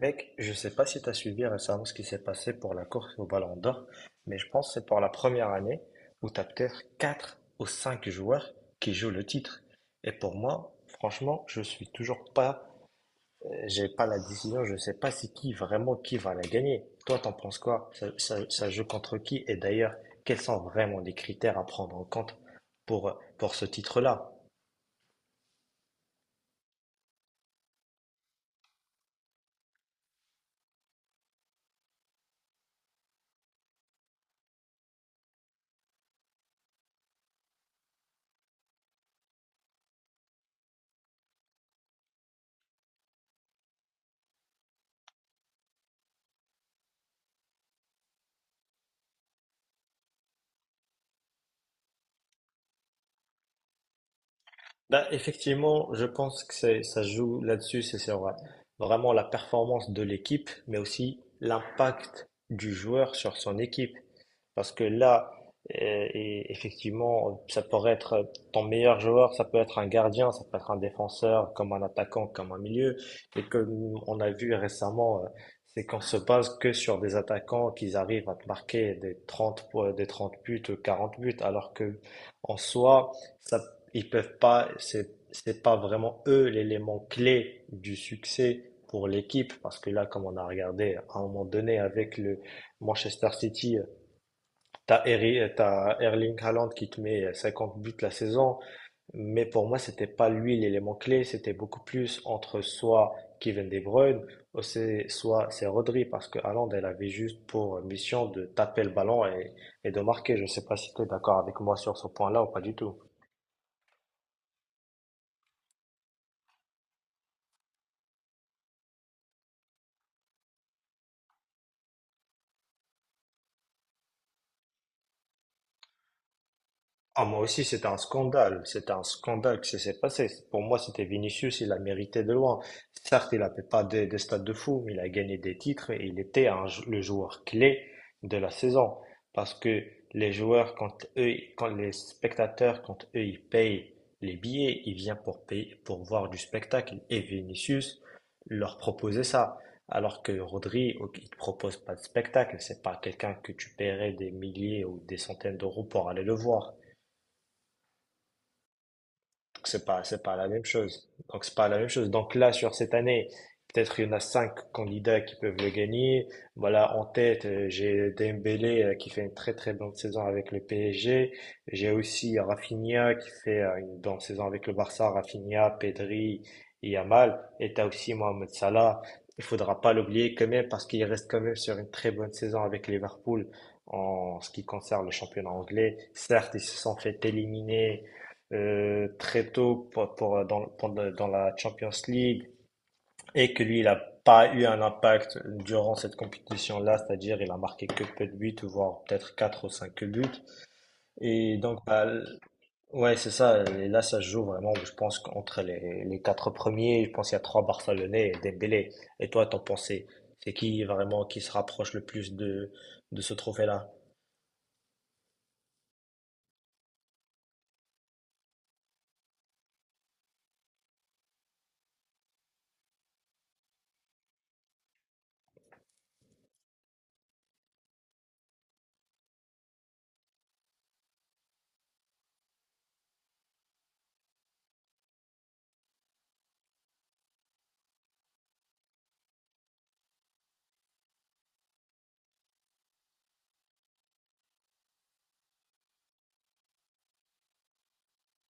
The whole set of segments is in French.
Mec, je sais pas si tu as suivi récemment ce qui s'est passé pour la course au Ballon d'Or, mais je pense que c'est pour la première année où tu as peut-être 4 ou 5 joueurs qui jouent le titre. Et pour moi, franchement, je suis toujours pas, j'ai pas la décision, je sais pas c'est qui vraiment qui va la gagner. Toi, t'en penses quoi? Ça joue contre qui? Et d'ailleurs, quels sont vraiment les critères à prendre en compte pour ce titre-là? Bah, effectivement, je pense que c'est, ça se joue là-dessus, c'est vrai. Vraiment la performance de l'équipe, mais aussi l'impact du joueur sur son équipe. Parce que là, et effectivement, ça pourrait être ton meilleur joueur, ça peut être un gardien, ça peut être un défenseur, comme un attaquant, comme un milieu. Et comme on a vu récemment, c'est qu'on se base que sur des attaquants qui arrivent à te marquer des 30 buts, ou 40 buts, alors que en soi, ça ils peuvent pas, c'est pas vraiment eux l'élément clé du succès pour l'équipe, parce que là, comme on a regardé à un moment donné avec le Manchester City, t'as Erling Haaland qui te met 50 buts la saison, mais pour moi, c'était pas lui l'élément clé, c'était beaucoup plus entre soit Kevin De Bruyne, ou soit c'est Rodri, parce que Haaland, elle avait juste pour mission de taper le ballon et de marquer. Je sais pas si tu es d'accord avec moi sur ce point-là ou pas du tout. Ah, moi aussi, c'était un scandale. C'était un scandale que ça s'est passé. Pour moi, c'était Vinicius, il a mérité de loin. Certes, il n'a fait pas des stades de fou, mais il a gagné des titres et il était le joueur clé de la saison. Parce que les joueurs, quand eux, quand les spectateurs, quand eux, ils payent les billets, ils viennent pour payer, pour voir du spectacle. Et Vinicius leur proposait ça. Alors que Rodri, ok, il te propose pas de spectacle. C'est pas quelqu'un que tu paierais des milliers ou des centaines d'euros pour aller le voir. Donc c'est pas la même chose. Donc c'est pas la même chose. Donc là, sur cette année, peut-être il y en a cinq candidats qui peuvent le gagner. Voilà, en tête, j'ai Dembélé qui fait une très très bonne saison avec le PSG. J'ai aussi Rafinha qui fait une bonne saison avec le Barça. Rafinha, Pedri, et Yamal. Et t'as aussi Mohamed Salah. Il faudra pas l'oublier quand même parce qu'il reste quand même sur une très bonne saison avec Liverpool en ce qui concerne le championnat anglais. Certes, ils se sont fait éliminer très tôt dans la Champions League et que lui, il n'a pas eu un impact durant cette compétition-là, c'est-à-dire il a marqué que peu de buts, voire peut-être 4 ou 5 buts. Et donc, bah, ouais, c'est ça. Et là, ça se joue vraiment, je pense, entre les quatre premiers. Je pense qu'il y a trois Barcelonais et Dembélé. Et toi, t'en pensais, c'est qui vraiment qui se rapproche le plus de ce trophée-là?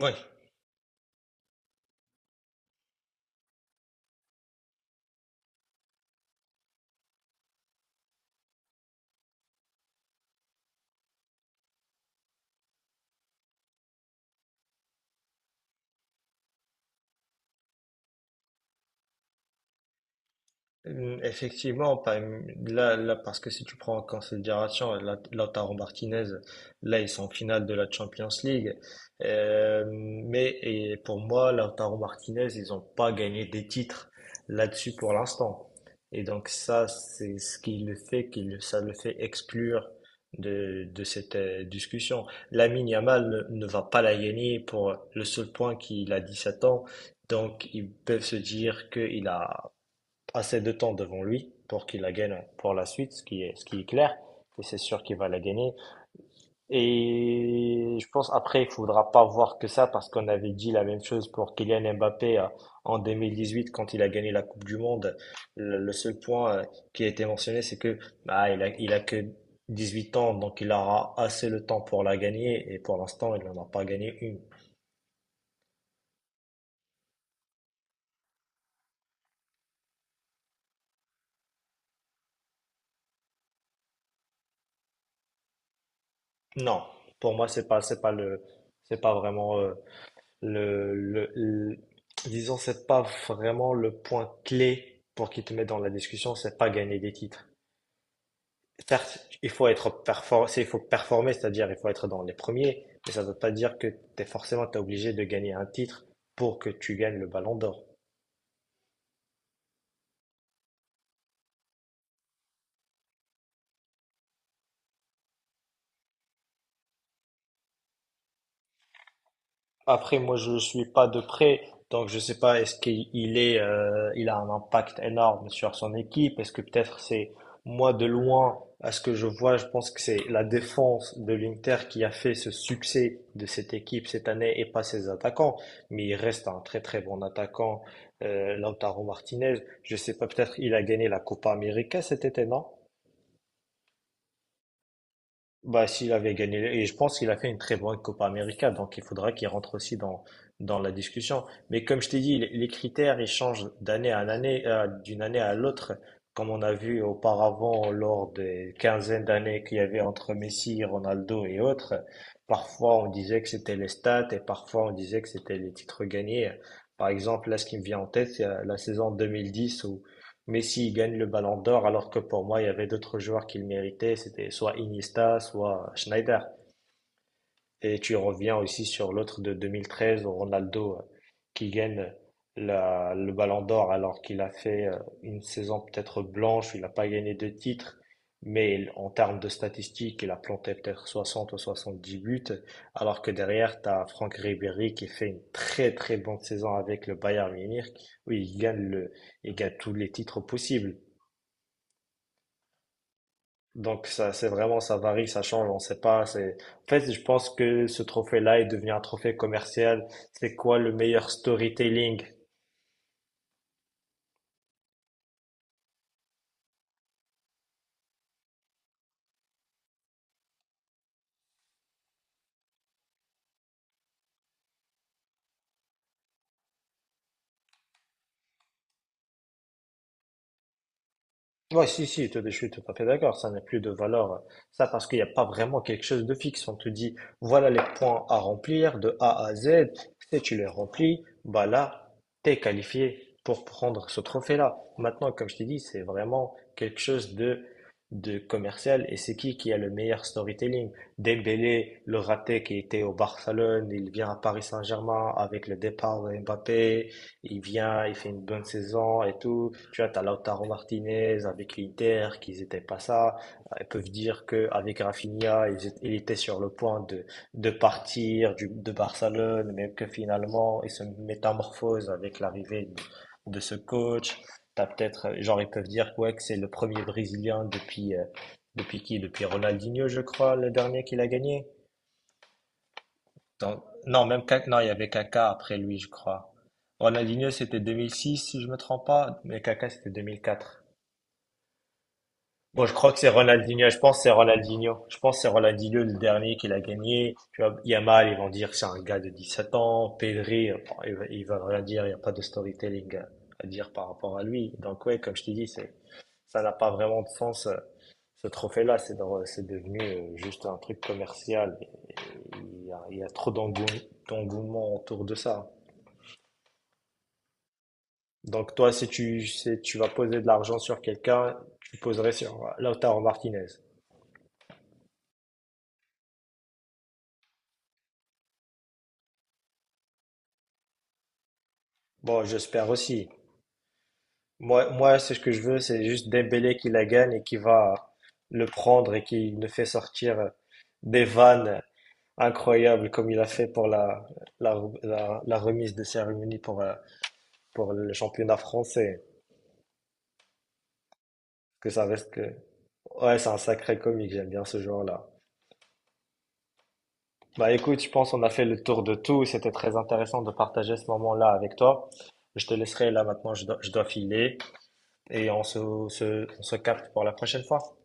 Ouais. Effectivement, là, là, parce que si tu prends en considération Lautaro Martinez, là, ils sont en finale de la Champions League. Mais et pour moi, Lautaro Martinez, ils n'ont pas gagné des titres là-dessus pour l'instant. Et donc ça, c'est ce qui le fait, ça le fait exclure de cette discussion. Lamine Yamal ne va pas la gagner pour le seul point qu'il a 17 ans. Donc ils peuvent se dire qu'il a assez de temps devant lui pour qu'il la gagne pour la suite, ce qui est clair. Et c'est sûr qu'il va la gagner. Et je pense après, il faudra pas voir que ça parce qu'on avait dit la même chose pour Kylian Mbappé en 2018 quand il a gagné la Coupe du Monde. Le seul point qui a été mentionné, c'est que bah, il a que 18 ans, donc il aura assez le temps pour la gagner. Et pour l'instant, il n'en a pas gagné une. Non, pour moi, c'est pas vraiment Le, le, le- disons, c'est pas vraiment le point clé pour qu'ils te mettent dans la discussion, c'est pas gagner des titres. Certes, il faut être performant, il faut performer, c'est-à-dire il faut être dans les premiers, mais ça ne veut pas dire que tu es forcément t'es obligé de gagner un titre pour que tu gagnes le ballon d'or. Après, moi, je suis pas de près, donc je sais pas est-ce qu'il a un impact énorme sur son équipe. Est-ce que peut-être c'est moi de loin, à ce que je vois, je pense que c'est la défense de l'Inter qui a fait ce succès de cette équipe cette année et pas ses attaquants. Mais il reste un très très bon attaquant, Lautaro Martinez. Je sais pas, peut-être il a gagné la Copa América cet été, non? Bah, s'il avait gagné, et je pense qu'il a fait une très bonne Copa América, donc il faudra qu'il rentre aussi dans, la discussion. Mais comme je t'ai dit, les critères, ils changent d'année à année, d'une année à l'autre, comme on a vu auparavant lors des quinzaines d'années qu'il y avait entre Messi, Ronaldo et autres. Parfois, on disait que c'était les stats et parfois, on disait que c'était les titres gagnés. Par exemple, là, ce qui me vient en tête, c'est la saison 2010 où Messi il gagne le Ballon d'Or alors que pour moi il y avait d'autres joueurs qui le méritaient, c'était soit Iniesta, soit Schneider. Et tu reviens aussi sur l'autre de 2013, Ronaldo, qui gagne le Ballon d'Or alors qu'il a fait une saison peut-être blanche, il n'a pas gagné de titre, mais en termes de statistiques, il a planté peut-être 60 ou 70 buts, alors que derrière, tu as Franck Ribéry qui fait une très très bonne saison avec le Bayern Munich, où il gagne tous les titres possibles. Donc ça, c'est vraiment, ça varie, ça change, on sait pas. C'est, en fait, je pense que ce trophée-là est devenu un trophée commercial. C'est quoi le meilleur storytelling? Ouais, si, si, je suis tout à fait d'accord. Ça n'a plus de valeur. Ça, parce qu'il n'y a pas vraiment quelque chose de fixe. On te dit, voilà les points à remplir de A à Z. Si tu les remplis, bah là, t'es qualifié pour prendre ce trophée-là. Maintenant, comme je t'ai dit, c'est vraiment quelque chose de commercial. Et c'est qui a le meilleur storytelling? Dembélé, le raté qui était au Barcelone, il vient à Paris Saint-Germain avec le départ de Mbappé. Il vient, il fait une bonne saison et tout. Tu vois, t'as Lautaro Martinez avec l'Inter, qu'ils n'étaient pas ça. Ils peuvent dire que avec Rafinha, il était sur le point de partir de Barcelone, mais que finalement, il se métamorphose avec l'arrivée de ce coach. T'as peut-être, genre, ils peuvent dire ouais, que c'est le premier Brésilien depuis, depuis qui? Depuis Ronaldinho, je crois, le dernier qu'il a gagné. Donc, non, non, il y avait Kaka après lui, je crois. Ronaldinho, c'était 2006, si je me trompe pas, mais Kaka, c'était 2004. Bon, je crois que c'est Ronaldinho, je pense que c'est Ronaldinho. Je pense que c'est Ronaldinho le dernier qu'il a gagné. Tu vois, Yamal, ils vont dire c'est un gars de 17 ans. Pedri, bon, ils veulent rien dire, il n'y a pas de storytelling à dire par rapport à lui. Donc ouais, comme je te dis, c'est, ça n'a pas vraiment de sens. Ce trophée-là, c'est devenu juste un truc commercial. Et il y a, trop d'engouement autour de ça. Donc toi, si tu vas poser de l'argent sur quelqu'un, tu poserais sur Lautaro Martinez. Bon, j'espère aussi. Moi, c'est ce que je veux, c'est juste Dembélé qui la gagne et qui va le prendre et qui nous fait sortir des vannes incroyables comme il a fait pour la remise de cérémonie pour le championnat français. Que ça reste que... Ouais, c'est un sacré comique, j'aime bien ce joueur-là. Bah écoute, je pense qu'on a fait le tour de tout. C'était très intéressant de partager ce moment-là avec toi. Je te laisserai là maintenant, je dois filer et on se capte pour la prochaine fois.